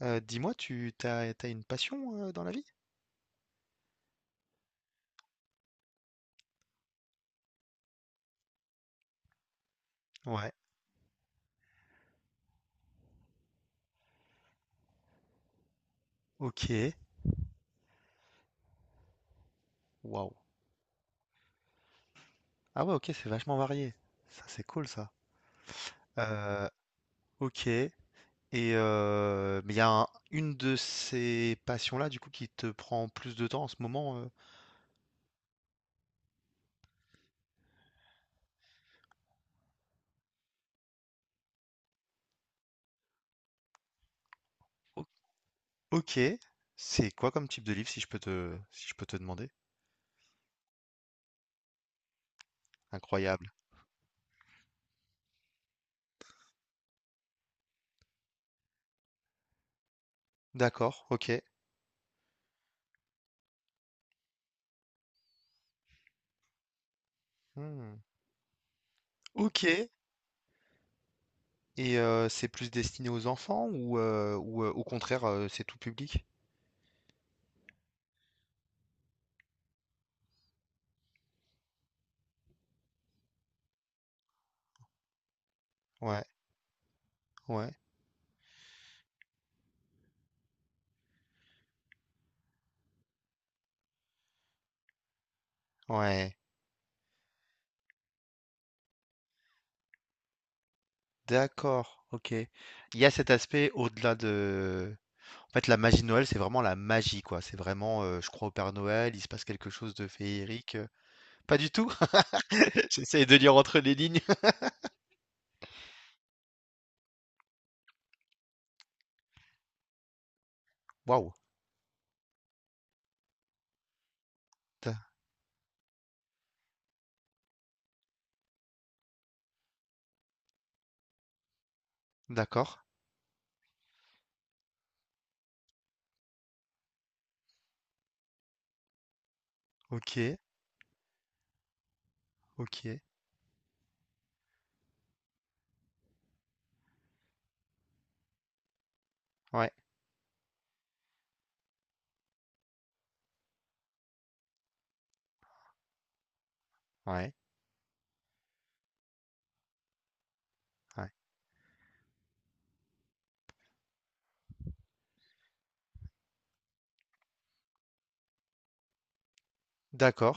Dis-moi, t'as une passion dans la vie? Ouais. Ok. Waouh. Ah ouais, ok, c'est vachement varié. Ça, c'est cool, ça. Euh, ok. Et mais il y a une de ces passions-là, du coup, qui te prend plus de temps en ce moment. O- Ok. C'est quoi comme type de livre, si je peux te demander? Incroyable. D'accord. Ok. Hmm. Ok. Et c'est plus destiné aux enfants ou, au contraire, c'est tout public? Ouais. Ouais. Ouais. D'accord, ok. Il y a cet aspect En fait, la magie de Noël, c'est vraiment la magie, quoi. C'est vraiment, je crois au Père Noël, il se passe quelque chose de féerique. Pas du tout. J'essaye de lire entre les lignes. Waouh. D'a- D'accord. Ok. Ok. Ouais. Ouais. Ouais. D'accord.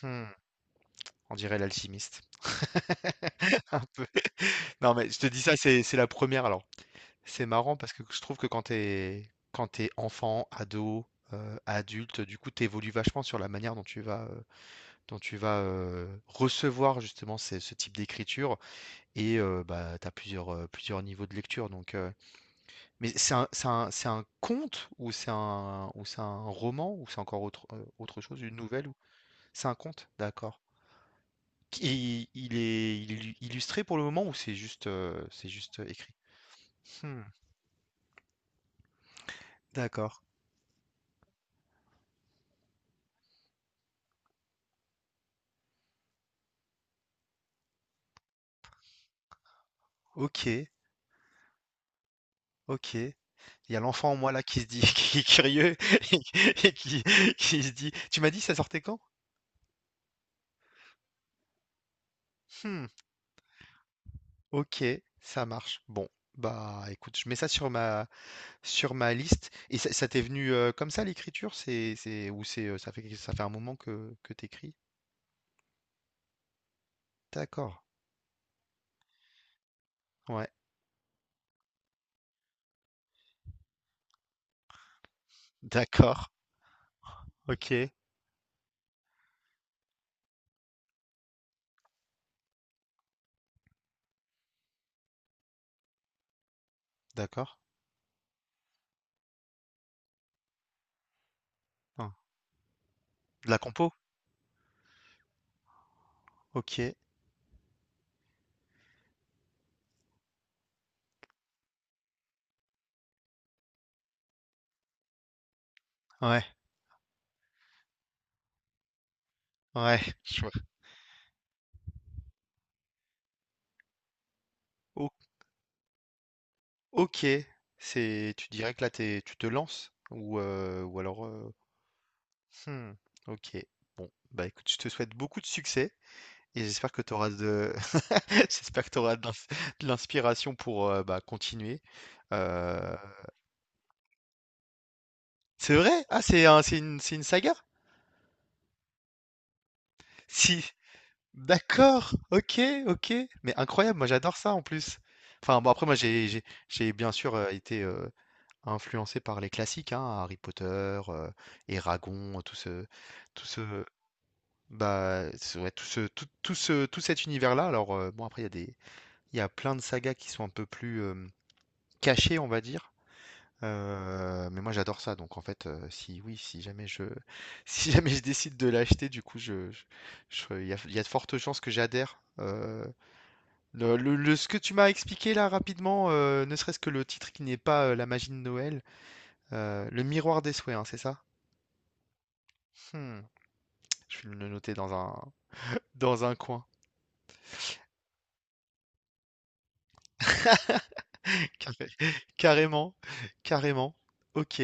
Hmm, on dirait l'alchimiste. Un peu. Non, mais je te dis ça, c'est la première. Alors, c'est marrant parce que je trouve que quand t'es enfant, ado, adulte, du coup, t'évolues vachement sur la manière dont tu vas recevoir justement ce type d'écriture et bah t'as plusieurs plusieurs niveaux de lecture. Donc, mais c'est un conte ou c'est un roman ou c'est encore autre autre chose, une nouvelle ou c'est un conte, d'accord. Il est illustré pour le moment ou c'est juste écrit? Hmm, d'accord. Ok, ok. Il y a l'enfant en moi là qui se dit qui est curieux et qui se dit: «Tu m'as dit ça sortait quand? Mmh, OK, ça marche. Bon, bah, écoute, je mets ça sur ma liste» et ça t'es venu, comme ça l'écriture? Ça fait un moment que t'écris D'accord, ouais, d'accord, OK, d'accord. Hein, de la compo? OK, ouais, ouais, je vois. O OK, c'est tu dirais que là, t'es tu te lances ou Mmh. OK. Bon, bah, écoute, je te souhaite beaucoup de succès et j'espère que tu auras de j'espère que tu auras de l'inspiration pour, bah, continuer. Heu, c'est vrai? Ah, c'est une saga? Si. D'accord. OK, OK. Mais incroyable, moi j'adore ça en plus. Enfin, bon, après moi j'ai bien sûr, été, influencé par les classiques, hein, Harry Potter, euh, et Eragon, tout ce bah, c'est- ouais, tout cet univers-là. Alors, bon, après, il y a plein de sagas qui sont un peu plus cachées, on va dire. Mais moi, j'adore ça. Donc, en fait, si, oui, si jamais je, si jamais je décide de l'acheter, du coup, il y a de fortes chances que j'adhère. Ce que tu m'as expliqué là rapidement, ne serait-ce que le titre qui n'est pas La magie de Noël, Le miroir des souhaits, hein, c'est ça? Hmm, je vais le noter dans un coin. Carré- Carrément, carrément. Ok,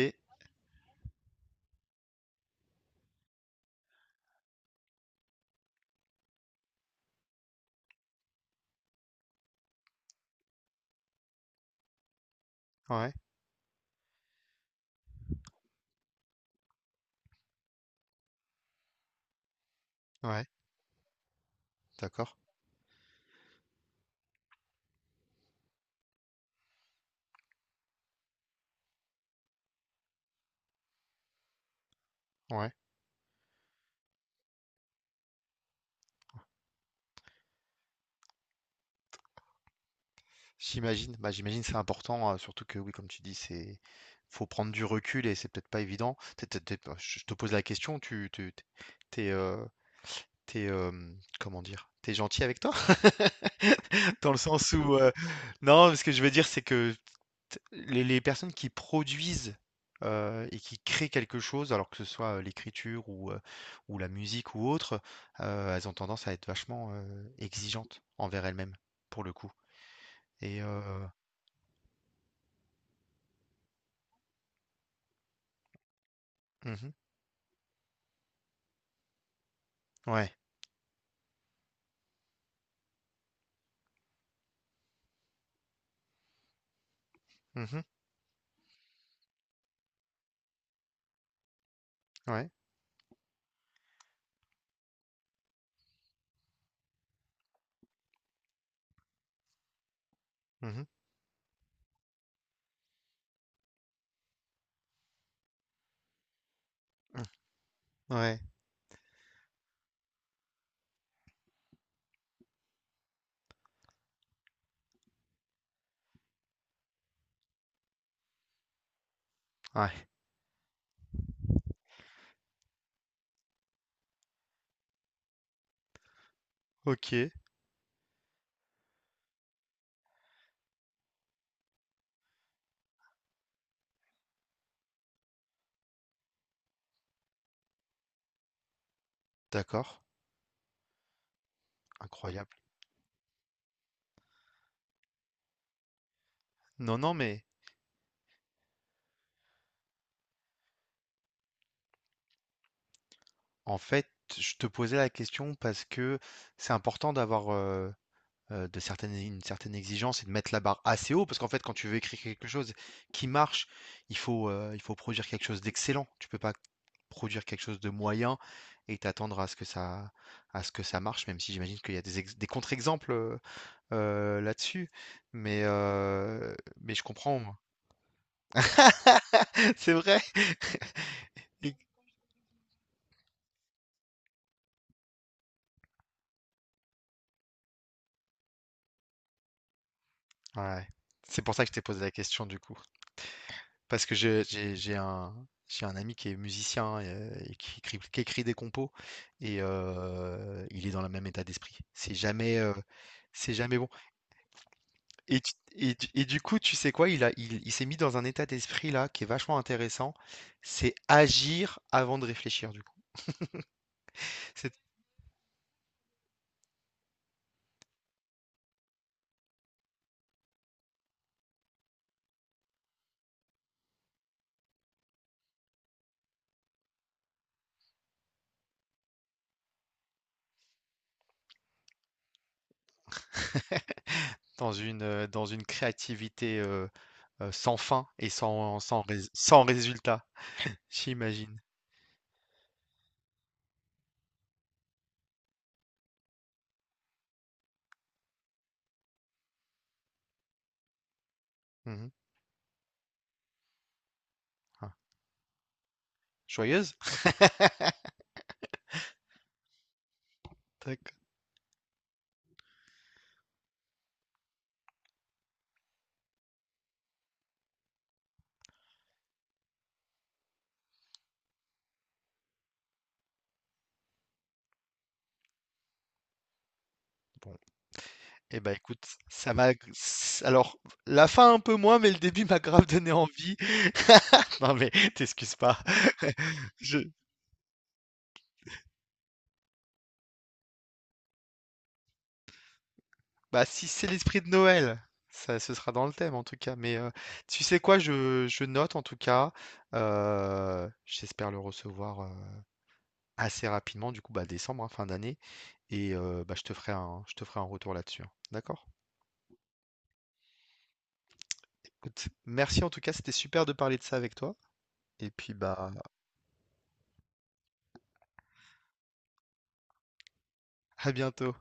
ouais, ouais, d'accord, ouais. J'imagine, bah j'imagine c'est important, surtout que oui, comme tu dis, c'est faut prendre du recul et c'est peut-être pas évident. Bah, je te pose la question, t'es, euh, t'es, euh, comment dire, t'es gentil avec toi? Dans le sens où, non, ce que je veux dire, c'est que les personnes qui produisent et qui créent quelque chose, alors que ce soit l'écriture ou la musique ou autre, elles ont tendance à être vachement exigeantes envers elles-mêmes, pour le coup. Et mhm, ouais, mhm, ouais, mhm, ouais, ouais. Ok, d'accord, incroyable. Non, non, mais en fait, je te posais la question parce que c'est important d'avoir de certaines, une certaine exigence et de mettre la barre assez haut, parce qu'en fait, quand tu veux écrire quelque chose qui marche, il faut produire quelque chose d'excellent. Tu peux pas produire quelque chose de moyen et t'attendre à à ce que ça marche, même si j'imagine qu'il y a des contre-exemples là-dessus. Mais, euh, mais je comprends. Moi. C'est vrai. Ouais. C'est pour ça que je t'ai posé la question du coup. Parce que je j'ai un ami qui est musicien et qui écrit des compos et il est dans le même état d'esprit. C'est jamais bon et tu et du coup, tu sais quoi? Il a il il s'est mis dans un état d'esprit là qui est vachement intéressant. C'est agir avant de réfléchir du coup. C'est dans une créativité, sans fin et sans résultat, j'imagine. Mmh ah, joyeuse? D'acc Bon. Eh ben écoute, ça m'a s alors la fin un peu moins, mais le début m'a grave donné envie. Non mais t'excuses pas. Je bah, si c'est l'esprit de Noël, ça ce sera dans le thème en tout cas, mais tu sais quoi? Je note en tout cas, j'espère le recevoir, assez rapidement du coup, bah, décembre, hein, fin d'année et bah, je te ferai un retour là-dessus, hein. D'accord? Écoute, merci en tout cas, c'était super de parler de ça avec toi et puis, bah, à bientôt.